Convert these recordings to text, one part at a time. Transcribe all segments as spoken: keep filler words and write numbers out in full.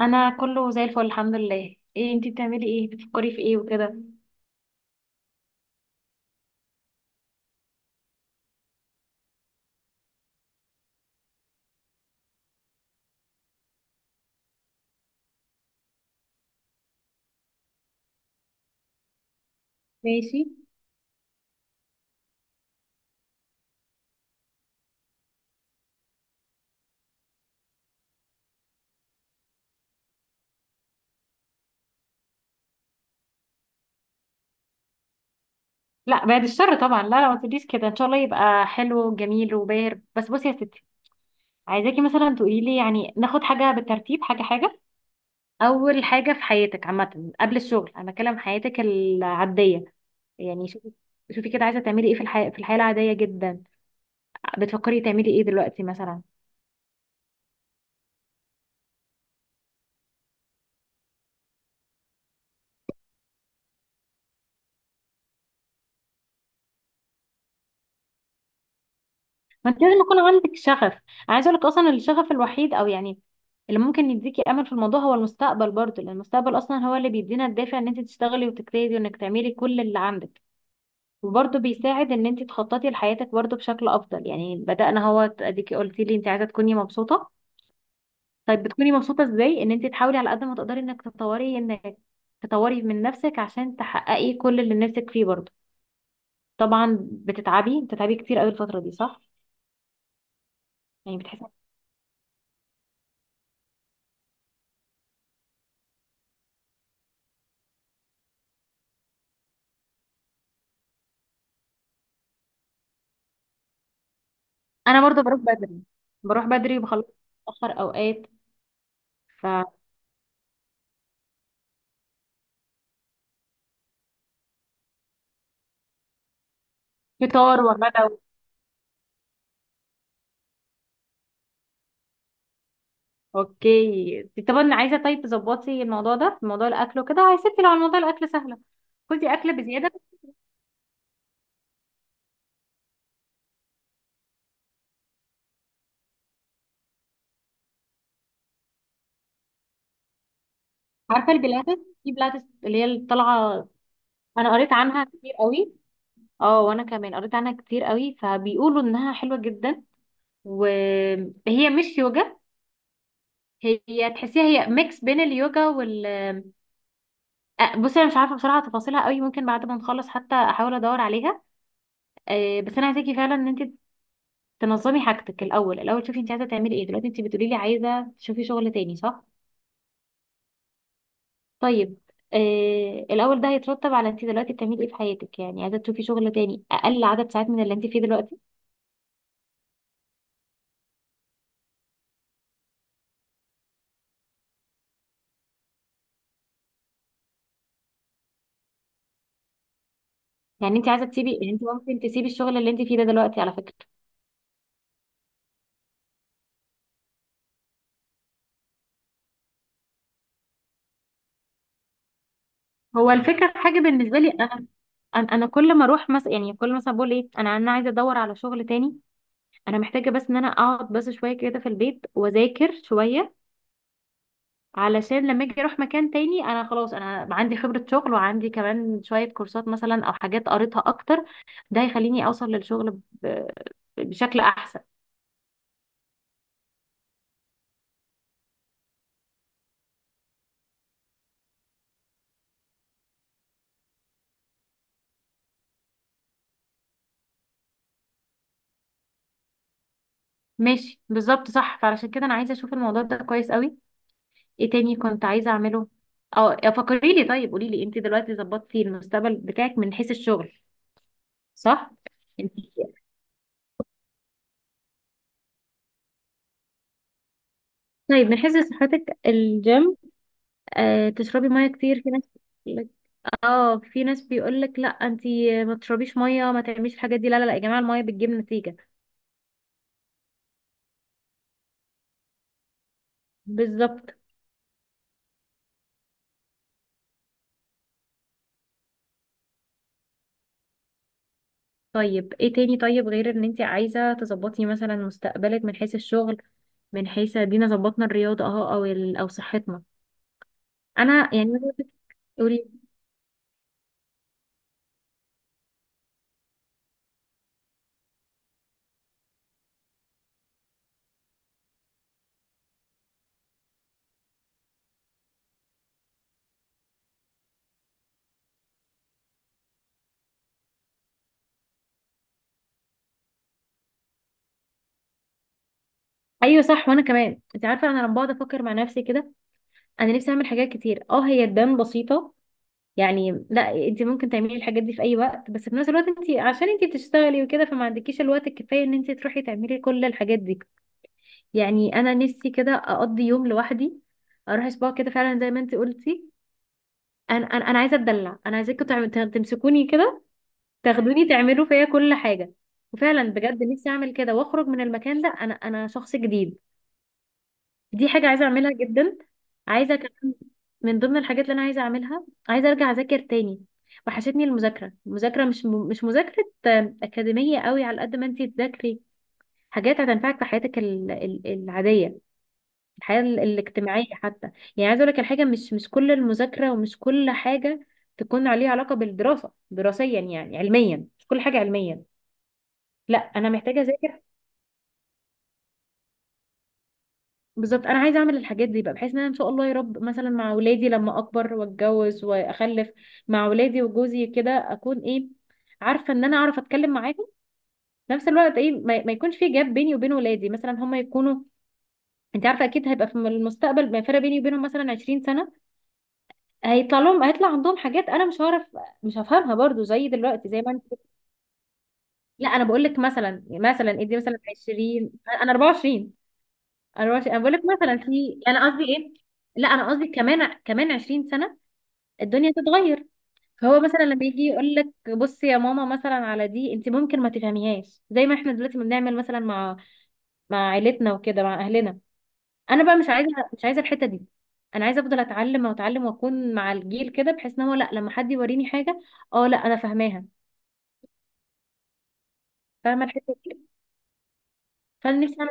انا كله زي الفل الحمد لله. ايه انتي بتعملي ايه؟ بتفكري في ايه وكده؟ ماشي. لا، بعد الشر طبعا. لا لا، ما تقوليش كده. ان شاء الله يبقى حلو وجميل وباهر. بس بصي يا ستي، عايزاكي مثلا تقولي لي يعني ناخد حاجه بالترتيب، حاجه حاجه. اول حاجه في حياتك عامه، قبل الشغل، انا بتكلم حياتك العاديه. يعني شوفي، شوفي كده عايزه تعملي ايه في الحياه، في الحياه العاديه جدا؟ بتفكري تعملي ايه دلوقتي مثلا؟ ما انت لازم يكون عندك شغف. انا عايزه اقول لك اصلا الشغف الوحيد او يعني اللي ممكن يديكي امل في الموضوع هو المستقبل برضو، لان المستقبل اصلا هو اللي بيدينا الدافع ان انت تشتغلي وتجتهدي وانك تعملي كل اللي عندك. وبرضو بيساعد ان انت تخططي لحياتك برضو بشكل افضل. يعني بدأنا، هو اديكي قلتي لي انت عايزه تكوني مبسوطه. طيب بتكوني مبسوطه ازاي؟ ان انت تحاولي على قد ما تقدري انك تطوري انك تطوري من نفسك عشان تحققي كل اللي نفسك فيه برضو. طبعا بتتعبي، بتتعبي كتير قوي الفتره دي، صح؟ يعني بتحسي. انا برضو بروح بدري، بروح بدري بخلص متاخر اوقات. ففطار وغدا. اوكي. طب انا عايزه، طيب تظبطي الموضوع ده، موضوع الاكل وكده يا ستي. لو على موضوع الاكل سهله، خدي اكل بزياده. عارفه البلاتس؟ في بلاتس اللي هي اللي طالعه. انا قريت عنها كتير قوي. اه وانا كمان قريت عنها كتير قوي، فبيقولوا انها حلوه جدا. وهي مش يوجا. هي تحسيها هي ميكس بين اليوجا وال... آه، بصي انا مش عارفه بصراحه تفاصيلها قوي. ممكن بعد ما نخلص حتى احاول ادور عليها. آه، بس انا عايزاكي فعلا ان انت تنظمي حاجتك الاول. الاول شوفي انت عايزه تعملي ايه دلوقتي. انت بتقولي لي عايزه تشوفي شغل تاني، صح؟ طيب، آه، الاول ده هيترتب على انت دلوقتي بتعملي ايه في حياتك. يعني عايزه تشوفي شغل تاني اقل عدد ساعات من اللي انت فيه دلوقتي؟ يعني انت عايزه تسيبي، يعني انت ممكن تسيبي الشغل اللي انت فيه ده دلوقتي على فكره. هو الفكره في حاجه بالنسبه لي انا. انا أنا كل ما اروح مثلا، يعني كل مثلا بقول ايه، انا انا عايزه ادور على شغل تاني. انا محتاجه بس ان انا اقعد بس شويه كده في البيت واذاكر شويه. علشان لما اجي اروح مكان تاني انا خلاص، انا عندي خبرة شغل وعندي كمان شوية كورسات مثلا او حاجات قريتها اكتر. ده هيخليني اوصل للشغل ب- بشكل احسن. ماشي بالظبط صح. فعلشان كده انا عايزة اشوف الموضوع ده كويس قوي. ايه تاني كنت عايزة اعمله؟ اه، فكري لي. طيب قولي لي، انت دلوقتي ظبطتي المستقبل بتاعك من حيث الشغل، صح؟ انت طيب من حيث صحتك، الجيم. آه، تشربي ميه كتير، في ناس. اه، في ناس بيقولك لا انتي ما تشربيش ميه، ما تعمليش الحاجات دي. لا لا لا يا جماعه، الميه بتجيب نتيجه. بالظبط. طيب ايه تاني؟ طيب غير ان انتي عايزه تظبطي مثلا مستقبلك من حيث الشغل، من حيث، دينا ظبطنا الرياضه اهو، او ال... او صحتنا. انا يعني أنا كنت- قولي. ايوه صح. وانا كمان انت عارفه انا لما بقعد افكر مع نفسي كده، انا نفسي اعمل حاجات كتير، اه هي تبان بسيطه. يعني لا، انت ممكن تعملي الحاجات دي في اي وقت، بس في نفس الوقت انت عشان انت بتشتغلي وكده، فما عندكيش الوقت الكفايه ان انت تروحي تعملي كل الحاجات دي. يعني انا نفسي كده اقضي يوم لوحدي، اروح اسبوع كده فعلا زي ما انت قلتي. انا انا انا عايزه اتدلع. انا عايزاكم تعم- ت- تمسكوني كده، تاخدوني تعملوا فيا كل حاجه. وفعلا بجد نفسي اعمل كده واخرج من المكان ده انا انا شخص جديد. دي حاجه عايزه اعملها جدا. عايزه كمان، من ضمن الحاجات اللي انا عايزه اعملها، عايزه ارجع اذاكر تاني. وحشتني المذاكره. المذاكره مش م... مش مذاكره آه، اكاديميه قوي. على قد ما انت تذاكري حاجات هتنفعك في حياتك ال... ال- العاديه، الحياة ال- الاجتماعية حتى. يعني عايزة اقول لك الحاجة مش مش كل المذاكرة، ومش كل حاجة تكون عليها علاقة بالدراسة دراسيا، يعني علميا، مش كل حاجة علميا. لا انا محتاجة اذاكر. بالظبط. انا عايزة اعمل الحاجات دي بقى بحيث ان انا ان شاء الله يا رب، مثلا مع اولادي لما اكبر واتجوز واخلف، مع اولادي وجوزي كده، اكون ايه، عارفة ان انا اعرف اتكلم معاهم. في نفس الوقت ايه، ما, ما يكونش في جاب بيني وبين ولادي. مثلا هم يكونوا، انت عارفة اكيد هيبقى في المستقبل، ما فرق بيني وبينهم مثلا عشرين سنة، هيطلع لهم، هيطلع عندهم حاجات انا مش هعرف، مش هفهمها برضو زي دلوقتي زي ما انت. لا انا بقول لك مثلا، مثلا ادي مثلا عشرين. انا اربعة وعشرين. اربعة وعشرين انا بقول لك مثلا في، يعني انا قصدي ايه. لا انا قصدي كمان، كمان عشرين سنه الدنيا تتغير. فهو مثلا لما يجي يقول لك بصي يا ماما مثلا على دي انت ممكن ما تفهميهاش زي ما احنا دلوقتي ما بنعمل مثلا مع مع عيلتنا وكده، مع اهلنا. انا بقى مش عايزه، مش عايزه الحته دي. انا عايزه افضل اتعلم واتعلم واكون مع الجيل كده بحيث ان هو لا، لما حد يوريني حاجه اه، لا انا فاهماها. فاهمه الحته دي. فانا نفسي اعمل.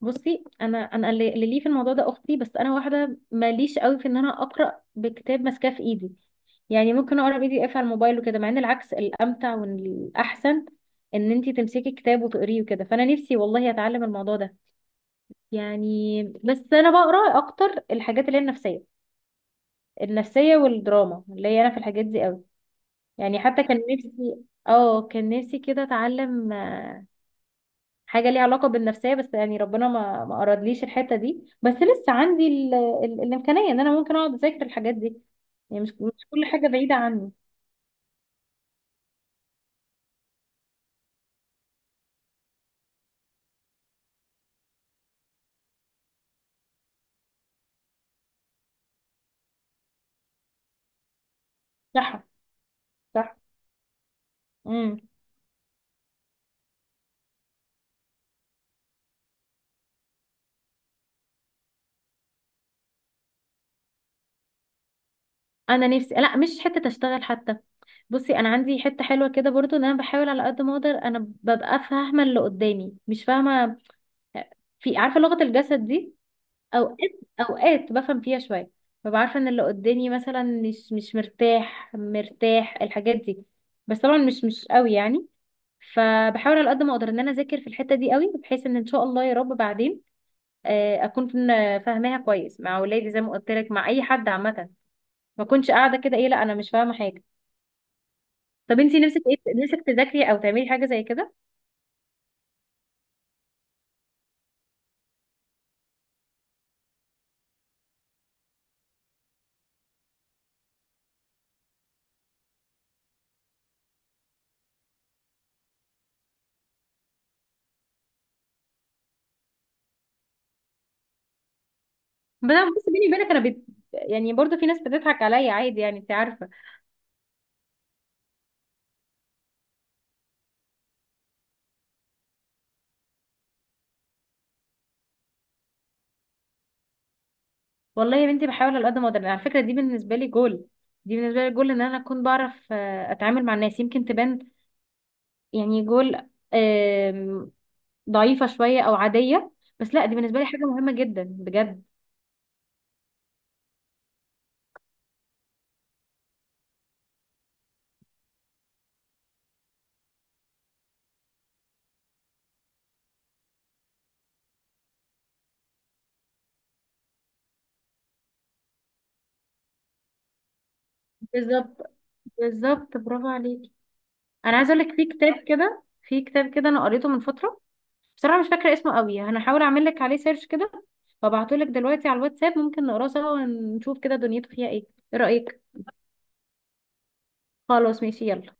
بصي انا، انا اللي اللي ليه في الموضوع ده اختي. بس انا واحده ماليش قوي في ان انا اقرا بكتاب ماسكاه في ايدي. يعني ممكن اقرا بي دي اف على الموبايل وكده، مع ان العكس الامتع والاحسن ان انتي تمسكي كتاب وتقريه وكده. فانا نفسي والله اتعلم الموضوع ده. يعني بس انا بقرا اكتر الحاجات اللي هي النفسيه، النفسية والدراما اللي هي انا في الحاجات دي قوي. يعني حتى كان نفسي، اه كان نفسي كده اتعلم آه، حاجة ليها علاقة بالنفسية، بس يعني ربنا ما ما أرادليش الحتة دي. بس لسه عندي ال... ال... الإمكانية ان انا ممكن اقعد اذاكر الحاجات دي. يعني مش مش كل حاجة بعيدة عني. صح صح. امم انا نفسي لا، مش حتة اشتغل حتى. بصي انا عندي حتة حلوة كده برضو، ان انا بحاول على قد ما اقدر انا ببقى فاهمة اللي قدامي مش فاهمة. في، عارفة لغة الجسد دي؟ اوقات، اوقات بفهم فيها شويه. ببقى عارفه ان اللي قدامي مثلا مش مش مرتاح مرتاح، الحاجات دي. بس طبعا مش مش قوي يعني. فبحاول على قد ما اقدر ان انا اذاكر في الحته دي قوي بحيث ان ان شاء الله يا رب بعدين آه، اكون فن- فاهماها كويس مع اولادي، زي ما قلت لك مع اي حد عامه. ما اكونش قاعده كده، ايه، لا انا مش فاهمه حاجه. طب انتي نفسك ايه؟ نفسك تذاكري او تعملي حاجه زي كده؟ بس أنا- بس بيني وبينك انا بت... يعني برضه في ناس بتضحك عليا عادي، يعني انت عارفه. والله يا بنتي، بحاول على قد ما اقدر. على فكره دي بالنسبه لي جول، دي بالنسبه لي جول ان انا اكون بعرف آه، اتعامل مع الناس. يمكن تبان يعني جول، آم، ضعيفه شويه او عاديه، بس لا دي بالنسبه لي حاجه مهمه جدا بجد. بالظبط. بالظبط برافو عليكي. انا عايزه اقول لك في كتاب كده، في كتاب كده انا قريته من فتره. بصراحه مش فاكره اسمه قوي. انا هحاول اعمل لك عليه سيرش كده وابعته لك دلوقتي على الواتساب. ممكن نقراه سوا ونشوف كده دنيته فيها ايه. ايه رايك؟ خلاص ماشي، يلا.